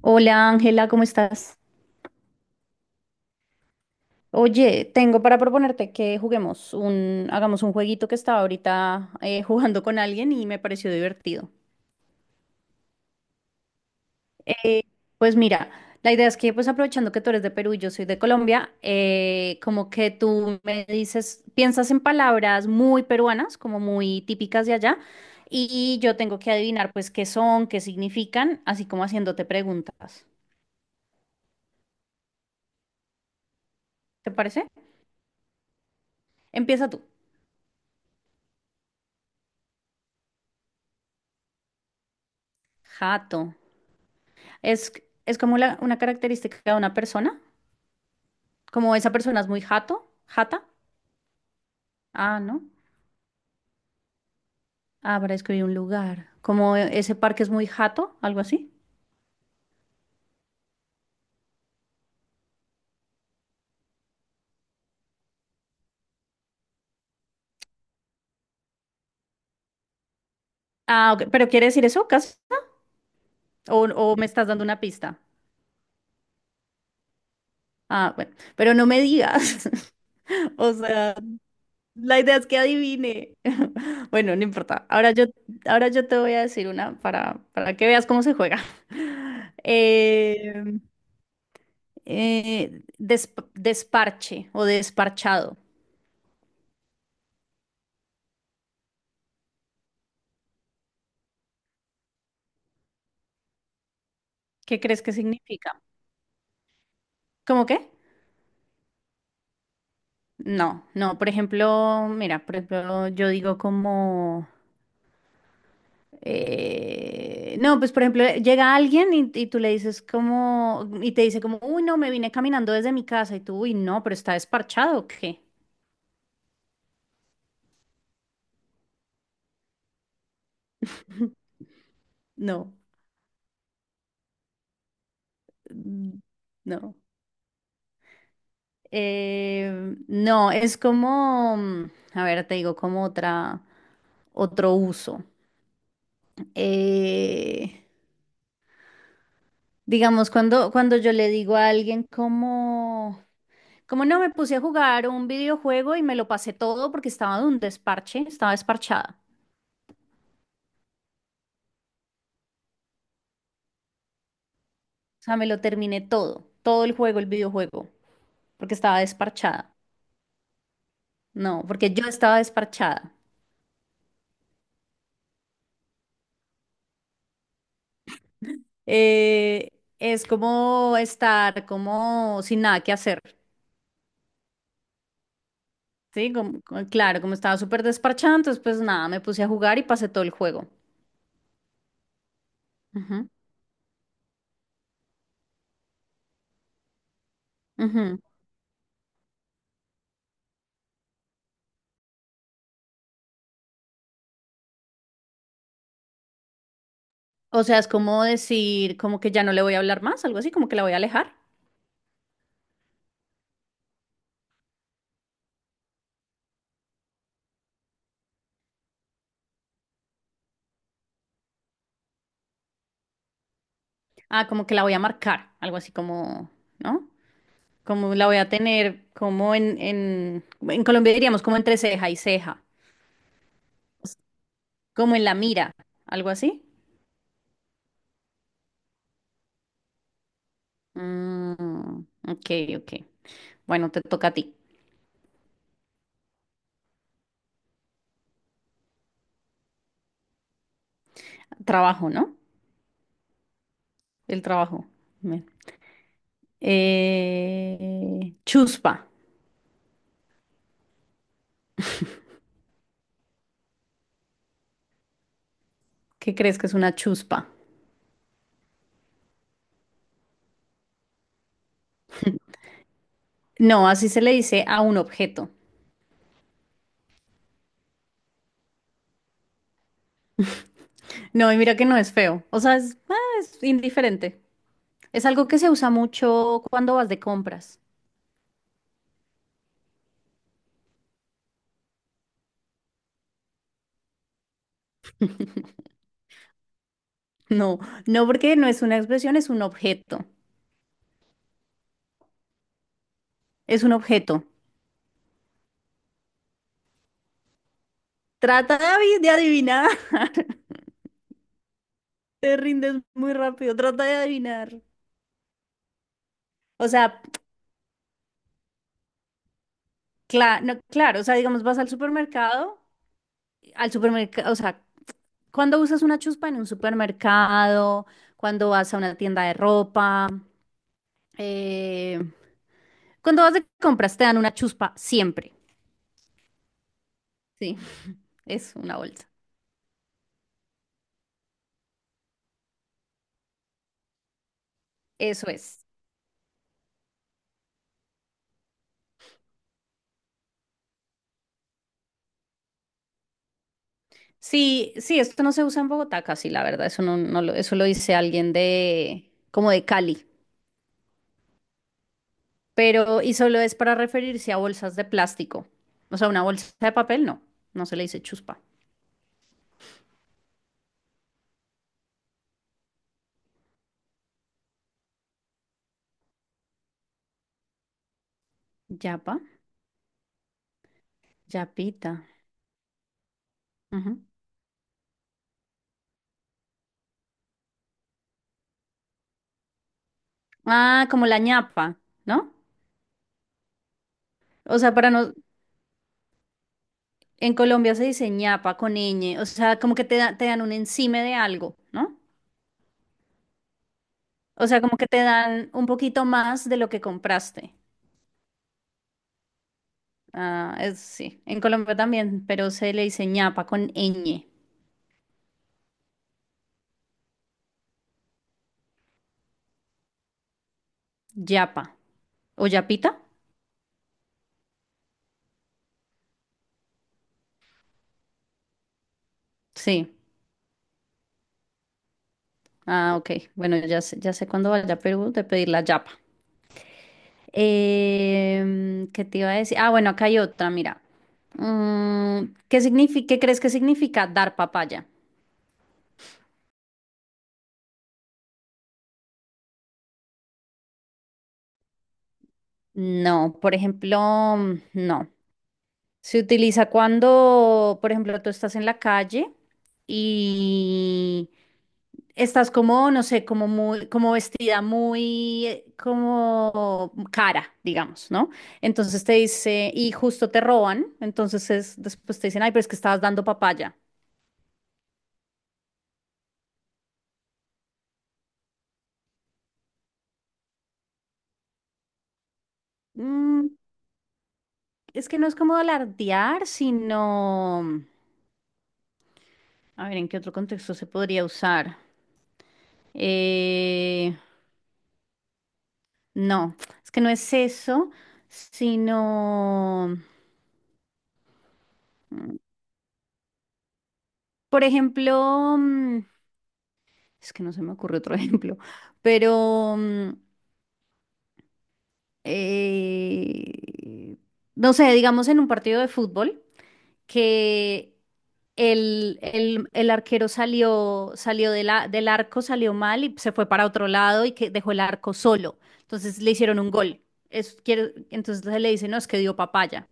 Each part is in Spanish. Hola Ángela, ¿cómo estás? Oye, tengo para proponerte que juguemos hagamos un jueguito que estaba ahorita jugando con alguien y me pareció divertido. Eh, pues mira, la idea es que pues aprovechando que tú eres de Perú y yo soy de Colombia, como que tú me dices, piensas en palabras muy peruanas, como muy típicas de allá, y yo tengo que adivinar pues qué son, qué significan, así como haciéndote preguntas. ¿Te parece? Empieza tú. Jato. Es, es como una característica de una persona. Como esa persona es muy jato, jata. Ah, no. Ah, para escribir un lugar. Como ese parque es muy jato, algo así. Ah, ok. ¿Pero quiere decir eso, casa? O me estás dando una pista? Ah, bueno. Pero no me digas. O sea, la idea es que adivine. Bueno, no importa. Ahora yo te voy a decir para que veas cómo se juega. Eh, desparche o desparchado. ¿Qué crees que significa? ¿Cómo qué? No, no, por ejemplo, mira, por ejemplo, yo digo como, no, pues por ejemplo, llega alguien y tú le dices como, y te dice como, uy, no, me vine caminando desde mi casa y tú, uy, no, pero está desparchado, ¿o ¿qué? No, mm, no. No, es como, a ver, te digo como otra, otro uso. Eh, Digamos, cuando yo le digo a alguien como, como no me puse a jugar un videojuego y me lo pasé todo porque estaba de un desparche, estaba desparchada. O sea, me lo terminé todo, todo el juego, el videojuego, porque estaba desparchada. No, porque yo estaba desparchada. Eh, es como estar como sin nada que hacer, ¿sí? Claro, como estaba súper desparchada, entonces pues nada, me puse a jugar y pasé todo el juego. Ujú, ujú. O sea, es como decir, como que ya no le voy a hablar más, algo así, como que la voy a alejar. Ah, como que la voy a marcar, algo así como, ¿no? Como la voy a tener, como en Colombia diríamos, como entre ceja y ceja, como en la mira, algo así. Mm, ok, ok. Bueno, te toca a ti. Trabajo, ¿no? El trabajo. Bien. Chuspa. ¿Qué crees que es una chuspa? No, así se le dice a un objeto. No, y mira que no es feo. O sea, es, ah, es indiferente. Es algo que se usa mucho cuando vas de compras. No, no porque no es una expresión, es un objeto. Es un objeto. Trata de de adivinar. Te rindes muy rápido. Trata de adivinar. O sea, no, claro, o sea, digamos, al supermercado, o sea, cuando usas una chuspa en un supermercado, cuando vas a una tienda de ropa, eh, cuando vas de compras te dan una chuspa siempre. Sí. Es una bolsa. Eso es. Sí, sí, esto no se usa en Bogotá casi, la verdad. Eso no, no lo, eso lo dice alguien de, como de Cali. Pero, y solo es para referirse a bolsas de plástico. O sea, una bolsa de papel no. No se le dice chuspa. Yapa, yapita. Ujú. Ah, como la ñapa, ¿no? O sea, para no, en Colombia se dice ñapa con ñ. O sea, como que te dan un encime de algo, ¿no? O sea, como que te dan un poquito más de lo que compraste. Ah, es, sí, en Colombia también, pero se le dice ñapa con ñ, yapa. ¿O yapita? Sí. Ah, ok. Bueno, ya sé cuándo vaya a Perú de pedir la yapa. ¿Qué te iba a decir? Ah, bueno, acá hay otra, mira. Mm, ¿qué significa, qué crees que significa dar papaya? No, por ejemplo, no. Se utiliza cuando, por ejemplo, tú estás en la calle y estás como, no sé, como muy, como vestida muy, como cara, digamos, ¿no? Entonces te dice, y justo te roban, entonces después te dicen, ay, pero es que estabas dando papaya. Mm, es que no es como alardear, sino, a ver, ¿en qué otro contexto se podría usar? Eh, no, es que no es eso, sino... Por ejemplo, es que no se me ocurre otro ejemplo, pero eh, no sé, digamos en un partido de fútbol que el arquero salió, salió de del arco, salió mal y se fue para otro lado y que dejó el arco solo. Entonces le hicieron un gol. Entonces le dice, no, es que dio papaya.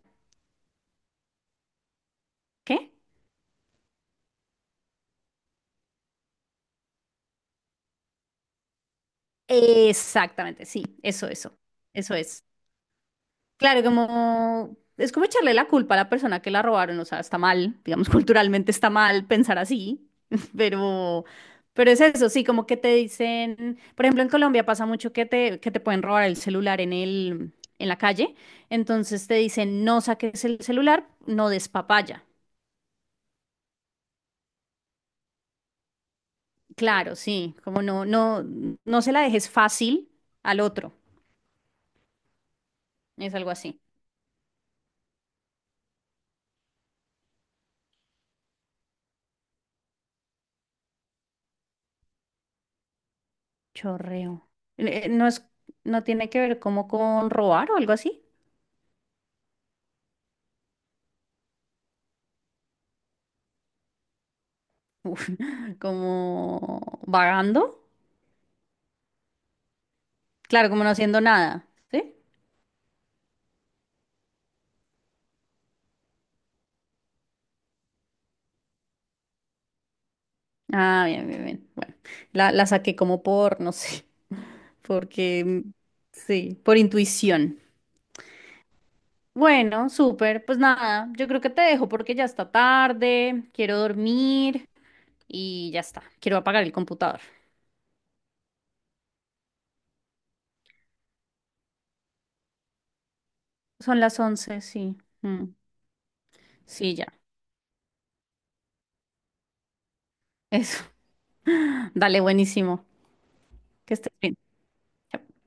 ¿Qué? Exactamente, sí, eso es. Claro, como es como echarle la culpa a la persona que la robaron, o sea, está mal, digamos, culturalmente está mal pensar así, pero, pero es eso, sí, como que te dicen, por ejemplo, en Colombia pasa mucho que te pueden robar el celular en el, en la calle, entonces te dicen, no saques el celular, no des papaya. Claro, sí, como no, no, no se la dejes fácil al otro, es algo así. Chorreo. No es, no tiene que ver como con robar o algo así. Uf, como vagando, claro, como no haciendo nada, ¿sí? Ah, bien, bien, bien. Bueno, la saqué como por, no sé, porque sí, por intuición. Bueno, súper, pues nada, yo creo que te dejo porque ya está tarde, quiero dormir y ya está, quiero apagar el computador. Son las 11 sí. Mm, sí, ya, eso. Dale, buenísimo. Que estés bien. Chao.